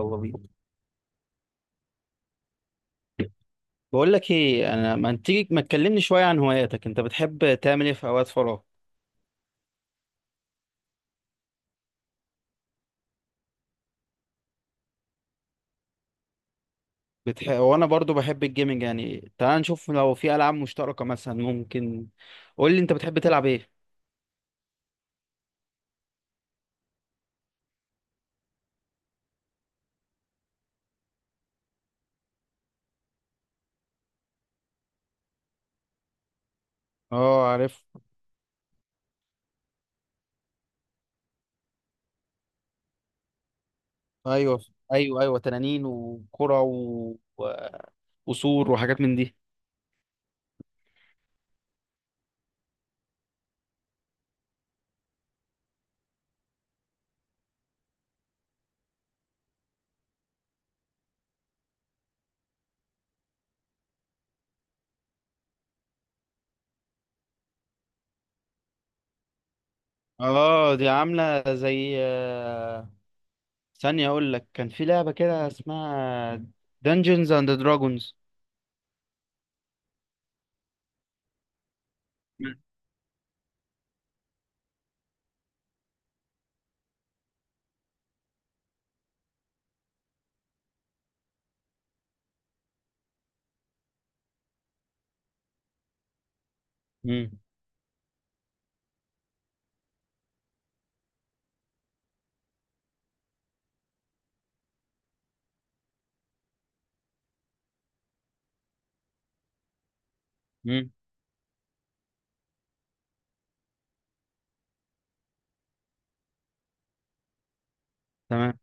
يلا بينا. بقول لك ايه، انا ما تيجي ما تكلمني شويه عن هواياتك؟ انت بتحب تعمل ايه في اوقات فراغ؟ وانا برضو بحب الجيمنج، يعني تعال نشوف لو في العاب مشتركه مثلا ممكن. قول لي انت بتحب تلعب ايه؟ اه عارف. ايوه ايوه ايوه، تنانين وكره و... وسور وحاجات من دي. اه دي عامله زي ثانيه اقول لك، كان في لعبه كده اسمها Dungeons and Dragons. امم امم. تمام.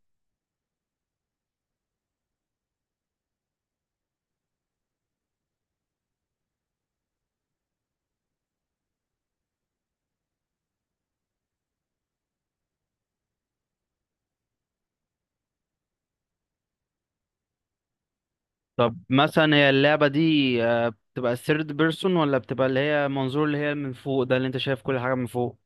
طب مثلا هي اللعبة دي، بتبقى الثيرد بيرسون ولا بتبقى اللي هي منظور، اللي هي من فوق ده اللي انت شايف كل حاجة من فوق؟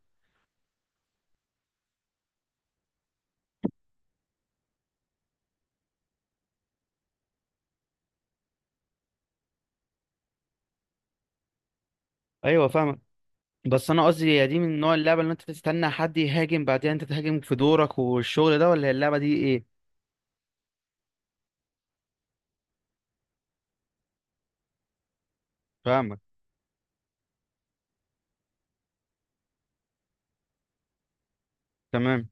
ايوه فاهمك. بس انا قصدي، هي دي من نوع اللعبة اللي انت تستنى حد يهاجم بعدين انت تهاجم في دورك والشغل ده، ولا هي اللعبة دي ايه؟ فاهمك. تمام.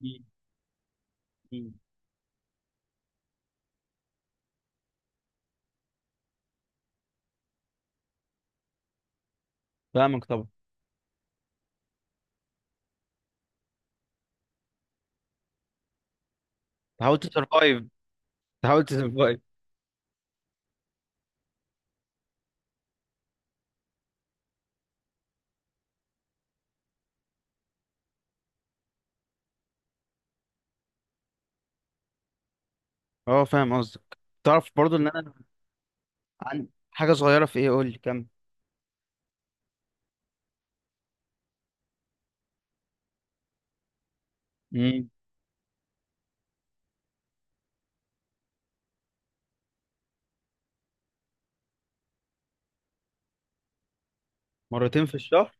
مم. مم. فاهمك طبعا. تحاول تسرفايف، تحاول تسرفايف. اه فاهم قصدك. تعرف برضو ان انا عن حاجة صغيرة في ايه؟ قول لي كم. مم. مرتين في الشهر؟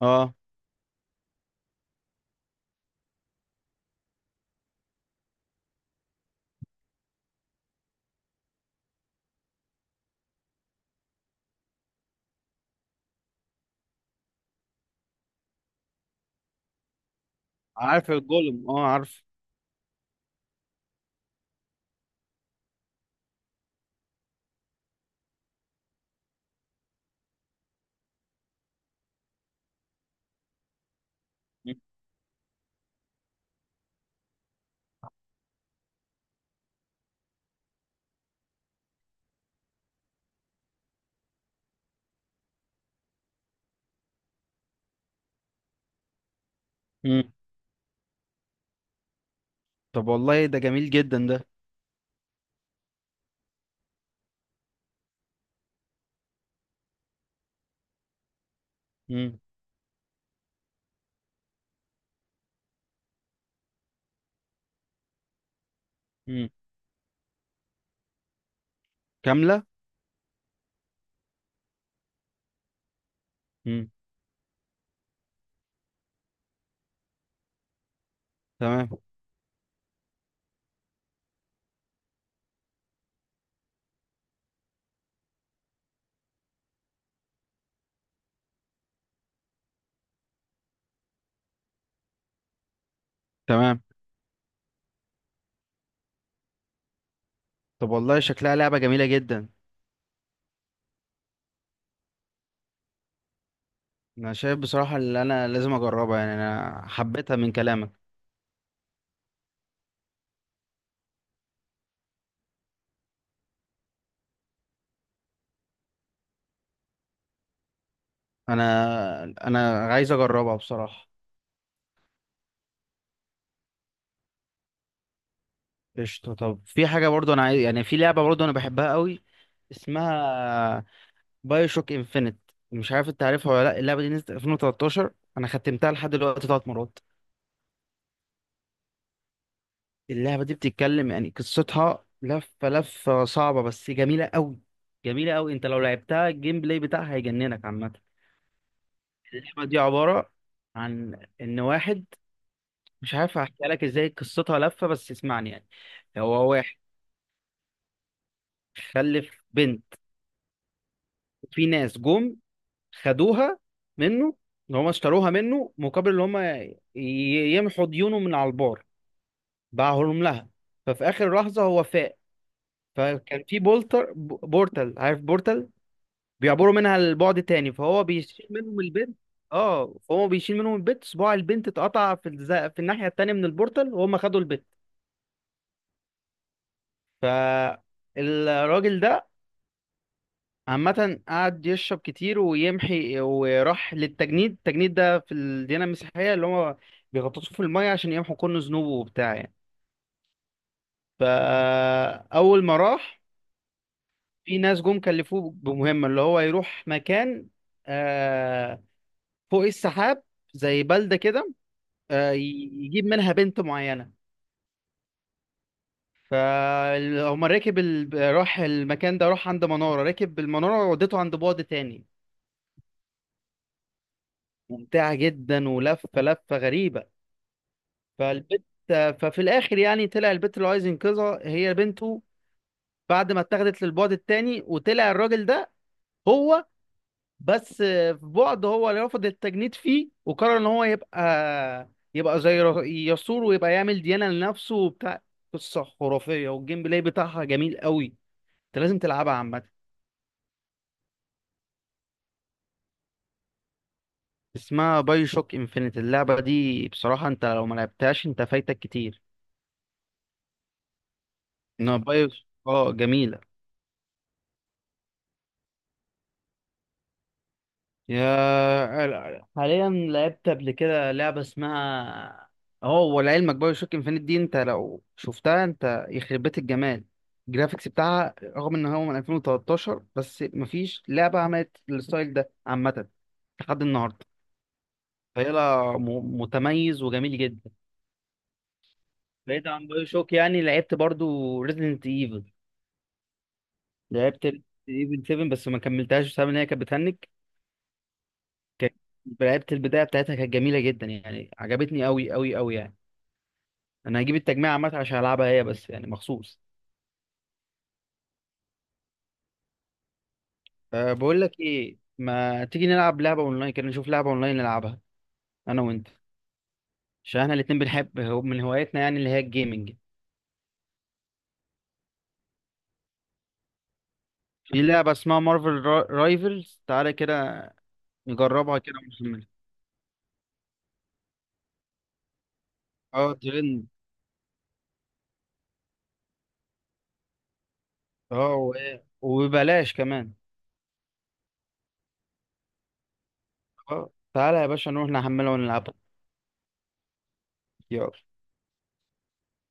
اه عارف الجولم، اه عارف. مم. طب والله ده جميل جدا ده. مم. مم. كاملة. مم. تمام. تمام. طب والله شكلها لعبة جميلة جدا، انا شايف بصراحة اللي انا لازم اجربها، يعني انا حبيتها من كلامك. انا عايز اجربها بصراحة. قشطة. طب في حاجة برضو انا عايز، يعني في لعبة برضو انا بحبها قوي، اسمها بايو شوك انفينيت. مش عارف انت عارفها ولا لا؟ اللعبة دي نزلت 2013، انا ختمتها لحد دلوقتي ثلاث مرات. اللعبة دي بتتكلم، يعني قصتها لفة صعبة بس جميلة أوي، جميلة أوي. أنت لو لعبتها الجيم بلاي بتاعها هيجننك عامة. اللعبة دي عبارة عن إن واحد، مش عارف أحكي لك إزاي، قصتها لفة، بس اسمعني يعني. هو واحد خلف بنت، في ناس جم خدوها منه، إن هما اشتروها منه مقابل إن هما يمحوا ديونه من على البار، باعهم لها. ففي آخر لحظة هو فاق، فكان في بولتر بورتال، عارف بورتال بيعبروا منها البعد تاني، فهو بيشيل منهم البنت. اه فهو بيشيل منهم البنت، صباع البنت اتقطع في في الناحية التانية من البورتال، وهم خدوا البنت. فالراجل ده عامة قعد يشرب كتير ويمحي، وراح للتجنيد. التجنيد ده في الديانة المسيحية اللي هو بيغطسوه في المية عشان يمحوا كل ذنوبه وبتاع يعني. فأول ما راح، في ناس جم كلفوه بمهمة، اللي هو يروح مكان آه، فوق السحاب، زي بلدة كده، يجيب منها بنت معينة. راح المكان ده، راح عند منارة، ركب المنارة ودته عند بعد تاني. ممتعة جدا ولفة غريبة. فالبت، ففي الآخر يعني طلع البت اللي عايز ينقذها هي بنته، بعد ما اتاخدت للبعد التاني. وطلع الراجل ده هو، بس في بعد هو اللي رفض التجنيد فيه، وقرر ان هو يبقى زي يسور، ويبقى يعمل ديانة لنفسه وبتاع. قصة خرافية والجيم بلاي بتاعها جميل قوي، انت لازم تلعبها عامة. اسمها باي شوك انفينيت، اللعبة دي بصراحة انت لو ما لعبتهاش انت فايتك كتير. انها باي، اه جميلة. يا حاليا لعبت قبل كده لعبة اسمها، اه، ولعلمك باي شوك انفينيت دي، انت لو شفتها انت يخرب بيت الجمال. الجرافيكس بتاعها رغم ان هو من 2013، بس مفيش لعبة عملت الستايل ده عامة لحد النهاردة. فهي متميز وجميل جدا. بعيد عن بايو شوك، يعني لعبت برضو ريزدنت ايفل، لعبت ايفل 7، بس ما كملتهاش بسبب ان هي كانت بتهنج. كان- لعبت البدايه بتاعتها كانت جميله جدا، يعني عجبتني قوي يعني. انا هجيب التجميع عامه عشان العبها هي بس يعني مخصوص. أه بقول لك ايه، ما تيجي نلعب لعبه اونلاين كده، نشوف لعبه اونلاين نلعبها انا وانت، عشان احنا الاتنين بنحب من هواياتنا يعني اللي هي الجيمنج. في لعبه اسمها مارفل رايفلز، تعالى كده نجربها كده ونكملها. اه ترند. اه وببلاش كمان. آه. تعالى يا باشا نروح نحمله ونلعبه. يلا.